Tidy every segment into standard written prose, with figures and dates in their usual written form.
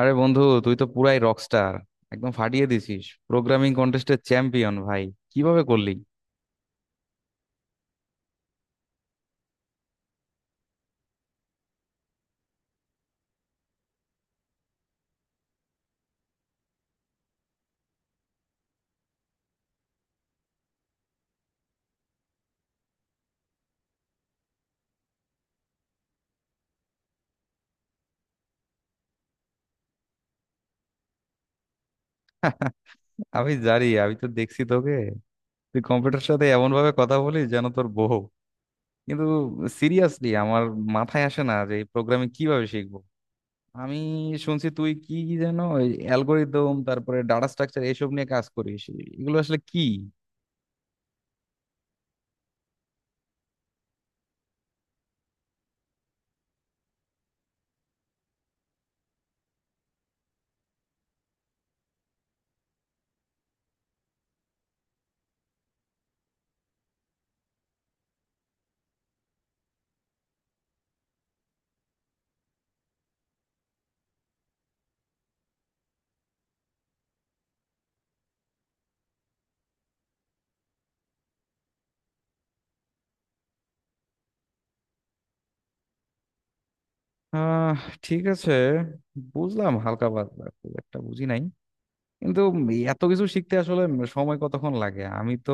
আরে বন্ধু, তুই তো পুরাই রকস্টার, একদম ফাটিয়ে দিছিস। প্রোগ্রামিং কন্টেস্টের চ্যাম্পিয়ন ভাই, কিভাবে করলি? আমি জানি, আমি তো দেখছি তোকে। তুই কম্পিউটার সাথে এমন ভাবে কথা বলিস যেন তোর বউ। কিন্তু সিরিয়াসলি আমার মাথায় আসে না যে প্রোগ্রামিং কিভাবে শিখবো। আমি শুনছি তুই কি কি যেন অ্যালগোরিদম তারপরে ডাটা স্ট্রাকচার এসব নিয়ে কাজ করিস। এগুলো আসলে কি? আহ, ঠিক আছে, বুঝলাম হালকা পাতলা, খুব একটা বুঝি নাই। কিন্তু এত কিছু শিখতে আসলে সময় কতক্ষণ লাগে? আমি তো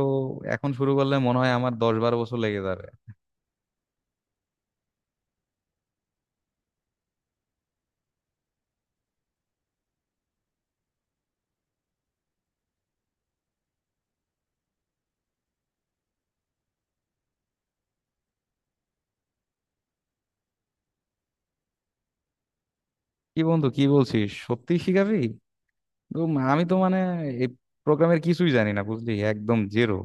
এখন শুরু করলে মনে হয় আমার 10-12 বছর লেগে যাবে। কি বন্ধু, কি বলছিস, সত্যি শিখাবি? আমি তো মানে এই প্রোগ্রামের কিছুই জানি না, বুঝলি, একদম জেরো।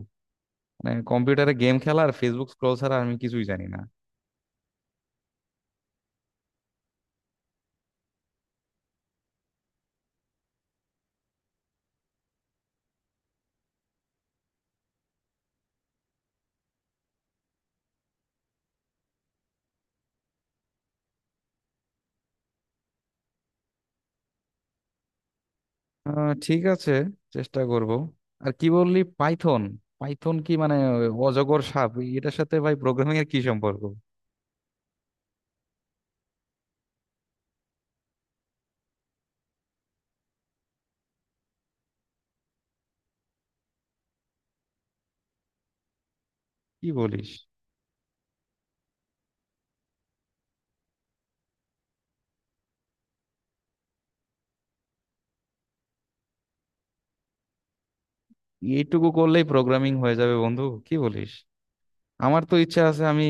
মানে কম্পিউটারে গেম খেলা আর ফেসবুক স্ক্রল ছাড়া আমি কিছুই জানি না। আহ, ঠিক আছে, চেষ্টা করব। আর কি বললি, পাইথন? পাইথন কি মানে ওই অজগর সাপ? এটার সাথে ভাই প্রোগ্রামিং এর কি সম্পর্ক? কি বলিস! এইটুকু করলেই প্রোগ্রামিং হয়ে যাবে বন্ধু, কি বলিস! আমার তো ইচ্ছা আছে আমি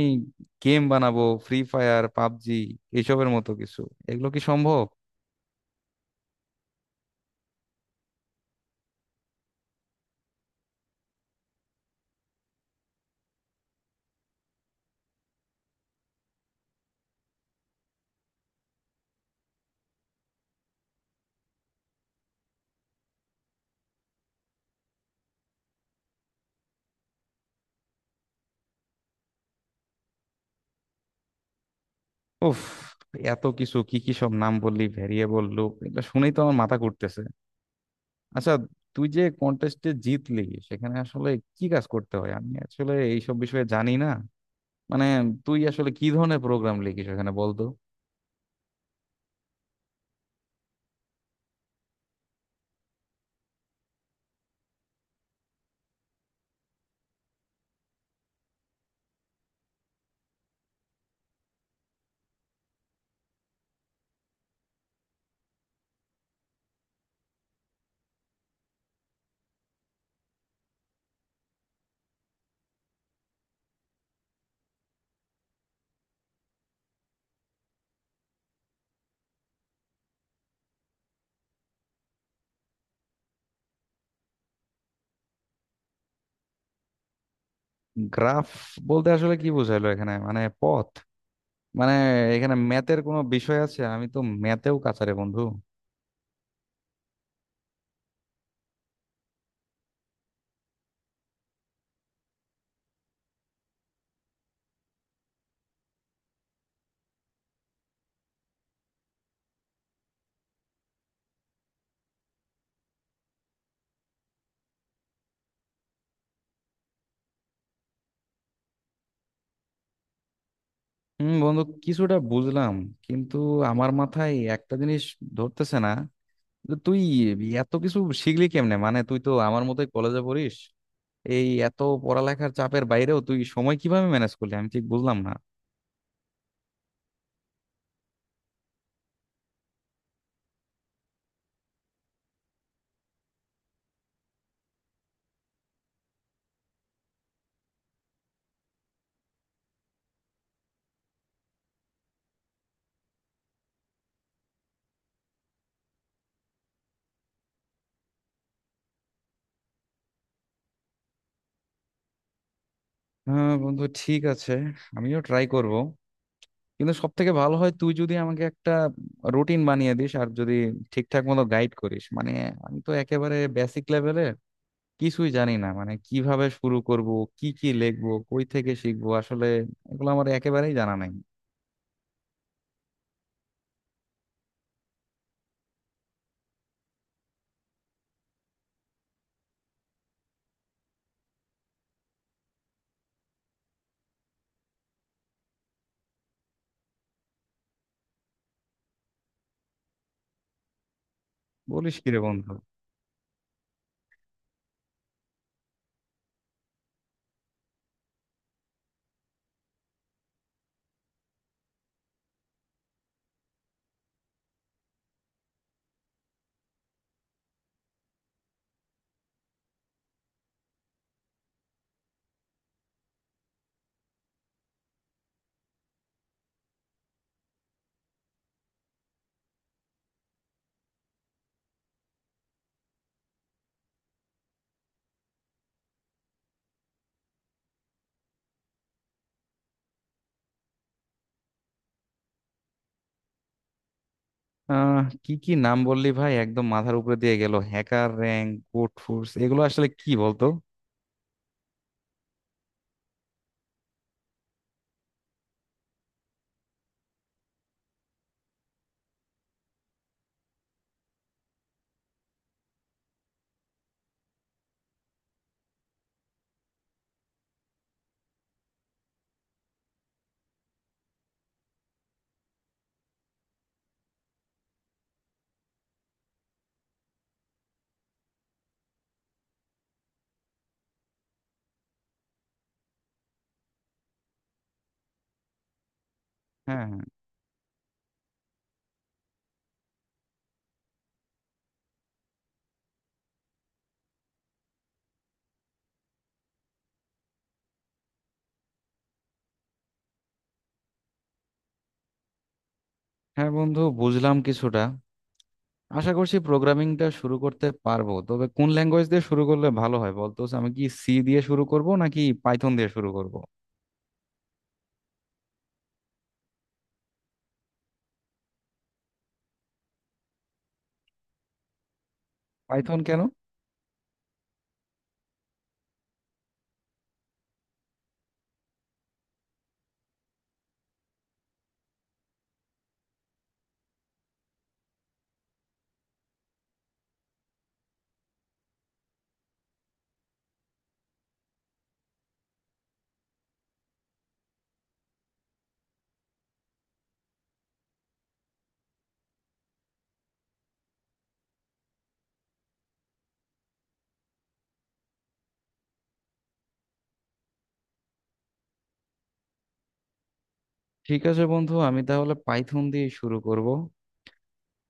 গেম বানাবো, ফ্রি ফায়ার, পাবজি এসবের মতো কিছু। এগুলো কি সম্ভব? উফ, এত কিছু কি কি সব নাম বললি, ভেরিয়েবল, লুপ, এগুলো শুনেই তো আমার মাথা ঘুরতেছে। আচ্ছা, তুই যে কন্টেস্টে জিতলি, সেখানে আসলে কি কাজ করতে হয়? আমি আসলে এইসব বিষয়ে জানি না। মানে তুই আসলে কি ধরনের প্রোগ্রাম লিখিস এখানে, বলতো। গ্রাফ বলতে আসলে কি বোঝাইলো এখানে, মানে পথ? মানে এখানে ম্যাথের কোনো বিষয় আছে? আমি তো ম্যাথেও কাঁচারে বন্ধু। হুম বন্ধু, কিছুটা বুঝলাম। কিন্তু আমার মাথায় একটা জিনিস ধরতেছে না, যে তুই এত কিছু শিখলি কেমনে? মানে তুই তো আমার মতোই কলেজে পড়িস, এই এত পড়ালেখার চাপের বাইরেও তুই সময় কিভাবে ম্যানেজ করলি, আমি ঠিক বুঝলাম না। হ্যাঁ বন্ধু, ঠিক আছে, আমিও ট্রাই করব। কিন্তু সব থেকে ভালো হয় তুই যদি আমাকে একটা রুটিন বানিয়ে দিস, আর যদি ঠিকঠাক মতো গাইড করিস। মানে আমি তো একেবারে বেসিক লেভেলে, কিছুই জানি না। মানে কিভাবে শুরু করব, কি কি লিখবো, কই থেকে শিখবো, আসলে এগুলো আমার একেবারেই জানা নাই। বলিস কি রে বন্ধু! আহ, কি কি নাম বললি ভাই, একদম মাথার উপরে দিয়ে গেল। হ্যাকার র্যাঙ্ক, কোড ফোর্স, এগুলো আসলে কি বলতো? হ্যাঁ, হ্যাঁ। হ্যাঁ বন্ধু, বুঝলাম কিছুটা। আশা করছি প্রোগ্রামিংটা শুরু করতে পারবো। তবে কোন ল্যাঙ্গুয়েজ দিয়ে শুরু করলে ভালো হয় বলতো? আমি কি সি দিয়ে শুরু করব নাকি পাইথন দিয়ে শুরু করব? পাইথন কেন? ঠিক আছে বন্ধু, আমি তাহলে পাইথন দিয়ে শুরু করব।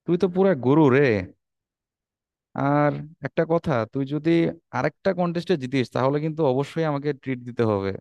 তুই তো পুরা গুরু রে। আর একটা কথা, তুই যদি আরেকটা কন্টেস্টে জিতিস, তাহলে কিন্তু অবশ্যই আমাকে ট্রিট দিতে হবে।